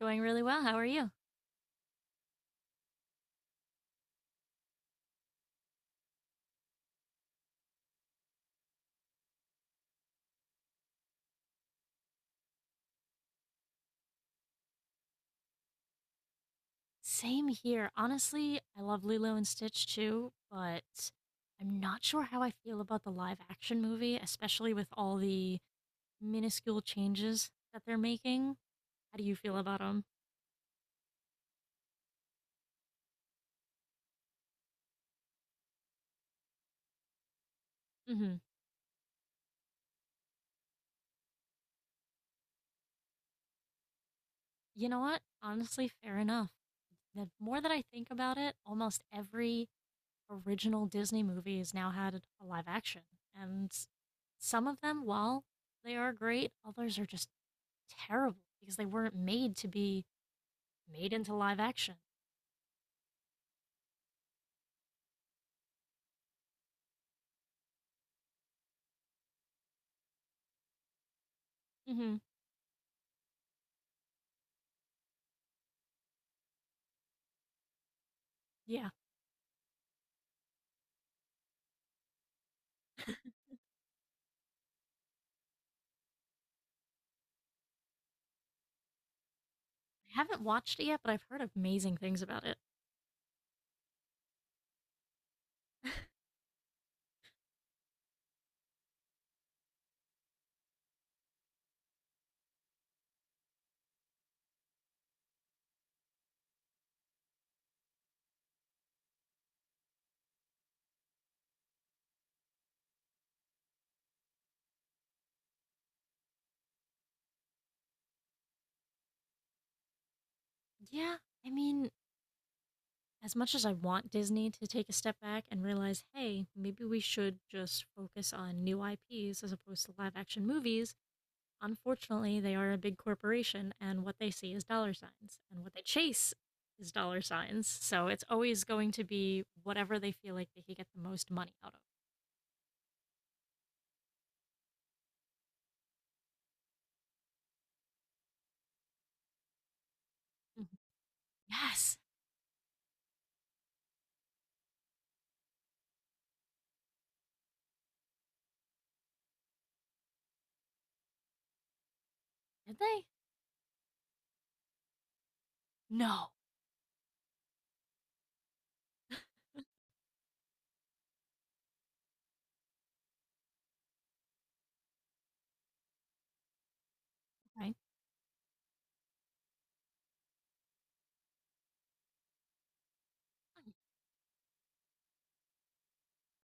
Going really well. How are you? Same here. Honestly, I love Lilo and Stitch too, but I'm not sure how I feel about the live action movie, especially with all the minuscule changes that they're making. How do you feel about them? Hmm. You know what? Honestly, fair enough. The more that I think about it, almost every original Disney movie has now had a live action. And some of them, while they are great, others are just terrible because they weren't made to be made into live action. Mm-hmm. Yeah. I haven't watched it yet, but I've heard amazing things about it. Yeah. I mean, as much as I want Disney to take a step back and realize, hey, maybe we should just focus on new IPs as opposed to live action movies, unfortunately, they are a big corporation and what they see is dollar signs and what they chase is dollar signs. So it's always going to be whatever they feel like they can get the most money out of. Mhm. Yes. Did they? No. Okay.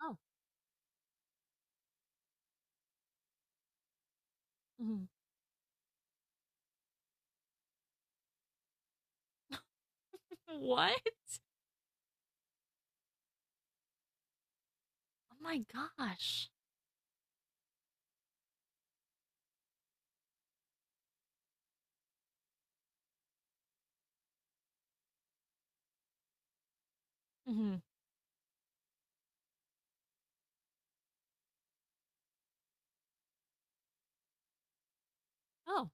Oh. Mhm. What? Oh my gosh. Hmm. Oh,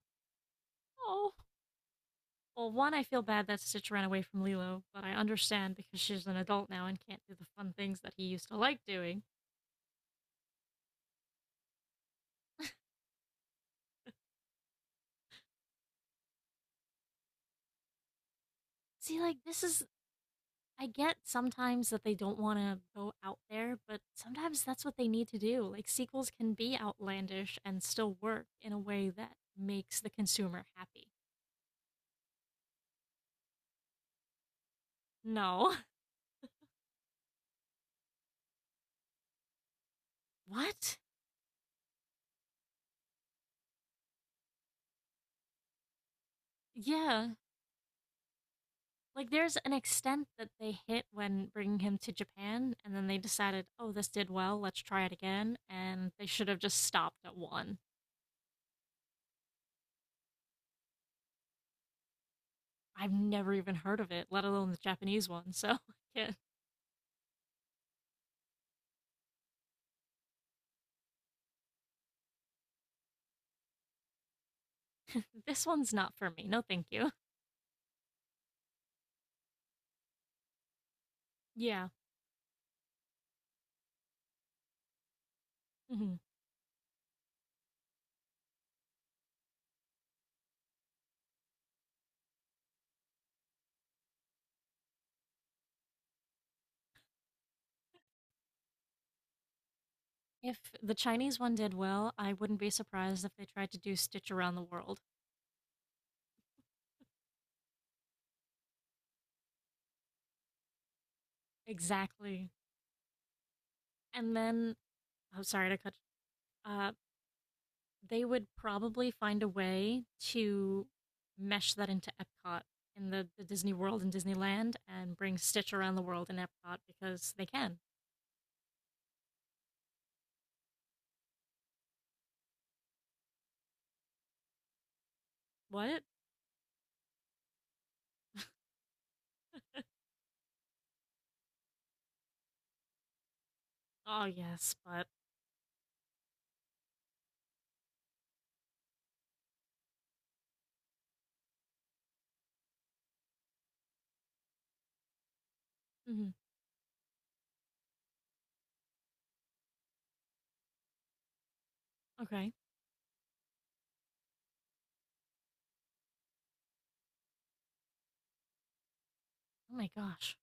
oh. Well, one, I feel bad that Stitch ran away from Lilo, but I understand because she's an adult now and can't do the fun things that he used to like doing. See, like, this is. I get sometimes that they don't want to go out there, but sometimes that's what they need to do. Like, sequels can be outlandish and still work in a way that makes the consumer happy. No. What? Yeah, like, there's an extent that they hit when bringing him to Japan, and then they decided, oh, this did well, let's try it again, and they should have just stopped at one. I've never even heard of it, let alone the Japanese one, so yeah. This one's not for me. No, thank you. Yeah. Hmm. If the Chinese one did well, I wouldn't be surprised if they tried to do Stitch Around the World. Exactly. And then, I'm, oh, sorry to cut. Uh, they would probably find a way to mesh that into Epcot in the Disney World and Disneyland and bring Stitch around the world in Epcot because they can. What? Oh, yes, but. Mhm. Okay. Oh my gosh.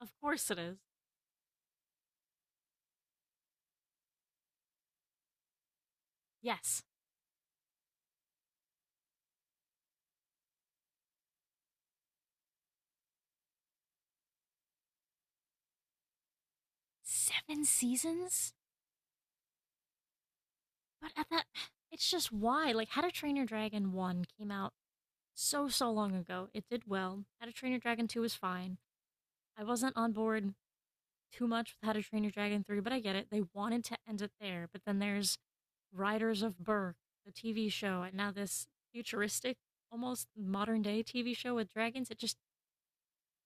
Of course it is. Yes. Seven seasons? But at that. It's just why. Like, How to Train Your Dragon 1 came out so, so long ago. It did well. How to Train Your Dragon 2 was fine. I wasn't on board too much with How to Train Your Dragon 3, but I get it. They wanted to end it there, but then there's Riders of Berk, the TV show, and now this futuristic, almost modern day TV show with dragons. It just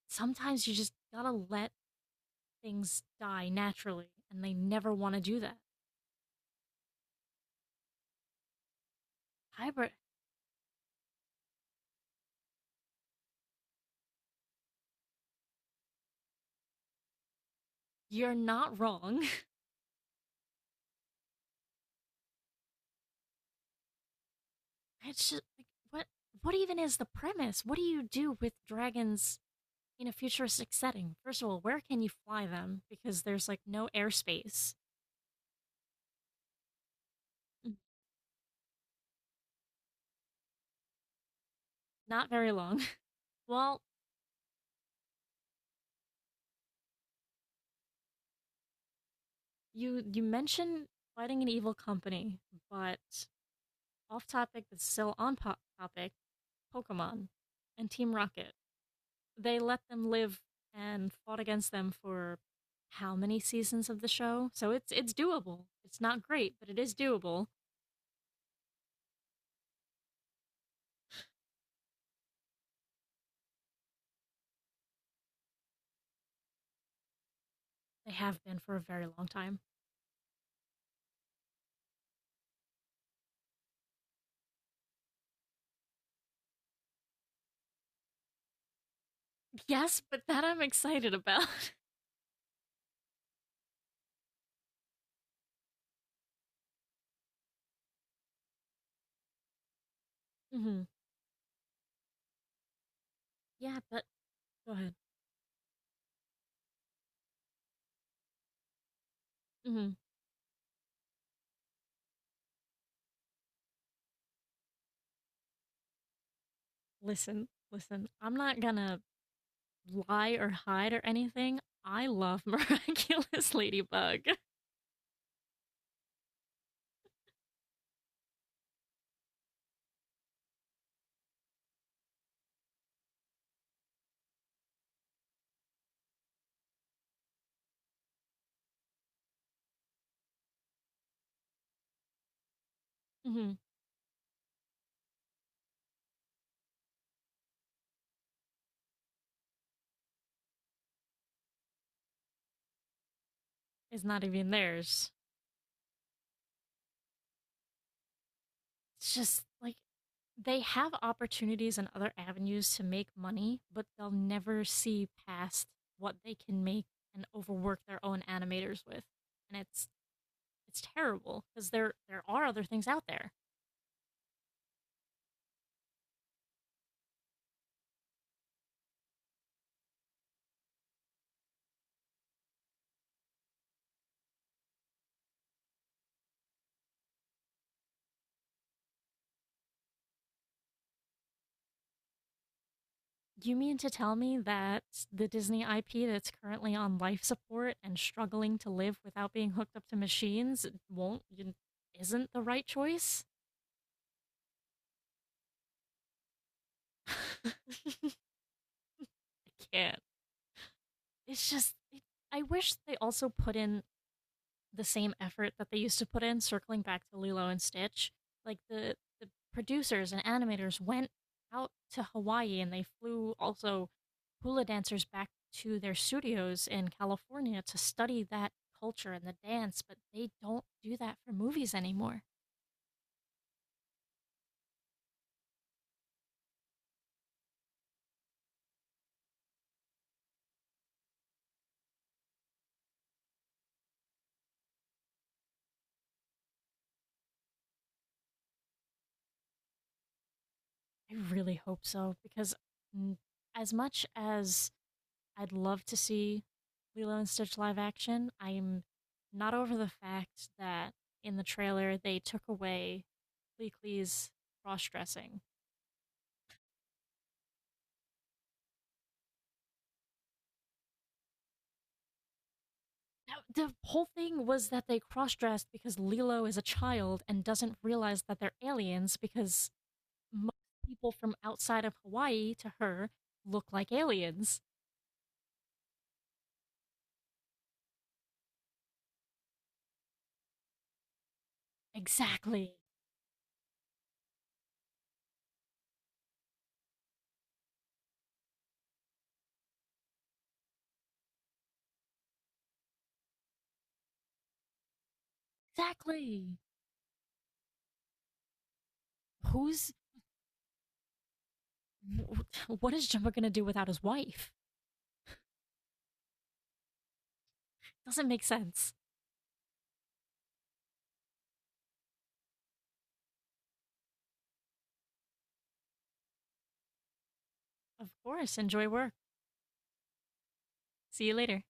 sometimes you just gotta let things die naturally, and they never want to do that. Hybrid, you're not wrong. It's just like, what even is the premise? What do you do with dragons in a futuristic setting? First of all, where can you fly them? Because there's like no airspace. Not very long. Well, you mentioned fighting an evil company, but off topic but still on topic, Pokemon and Team Rocket. They let them live and fought against them for how many seasons of the show? So it's doable. It's not great, but it is doable. They have been for a very long time. Yes, but that I'm excited about. Hmm. Yeah, but go ahead. Hmm. Listen, listen. I'm not gonna lie or hide or anything. I love Miraculous Ladybug. Mhm. It's not even theirs. It's just like they have opportunities and other avenues to make money, but they'll never see past what they can make and overwork their own animators with. And it's terrible because there are other things out there. You mean to tell me that the Disney IP that's currently on life support and struggling to live without being hooked up to machines won't isn't the right choice? I can't. It's just it, I wish they also put in the same effort that they used to put in circling back to Lilo and Stitch. Like the producers and animators went out to Hawaii and they flew also hula dancers back to their studios in California to study that culture and the dance, but they don't do that for movies anymore. I really hope so because mm, as much as I'd love to see Lilo and Stitch live action. I'm not over the fact that in the trailer they took away Bleakley's cross dressing. The whole thing was that they cross dressed because Lilo is a child and doesn't realize that they're aliens because most people from outside of Hawaii to her look like aliens. Exactly. Exactly. Who's. What is Jumbo going to do without his wife? Doesn't make sense. Of course, enjoy work. See you later.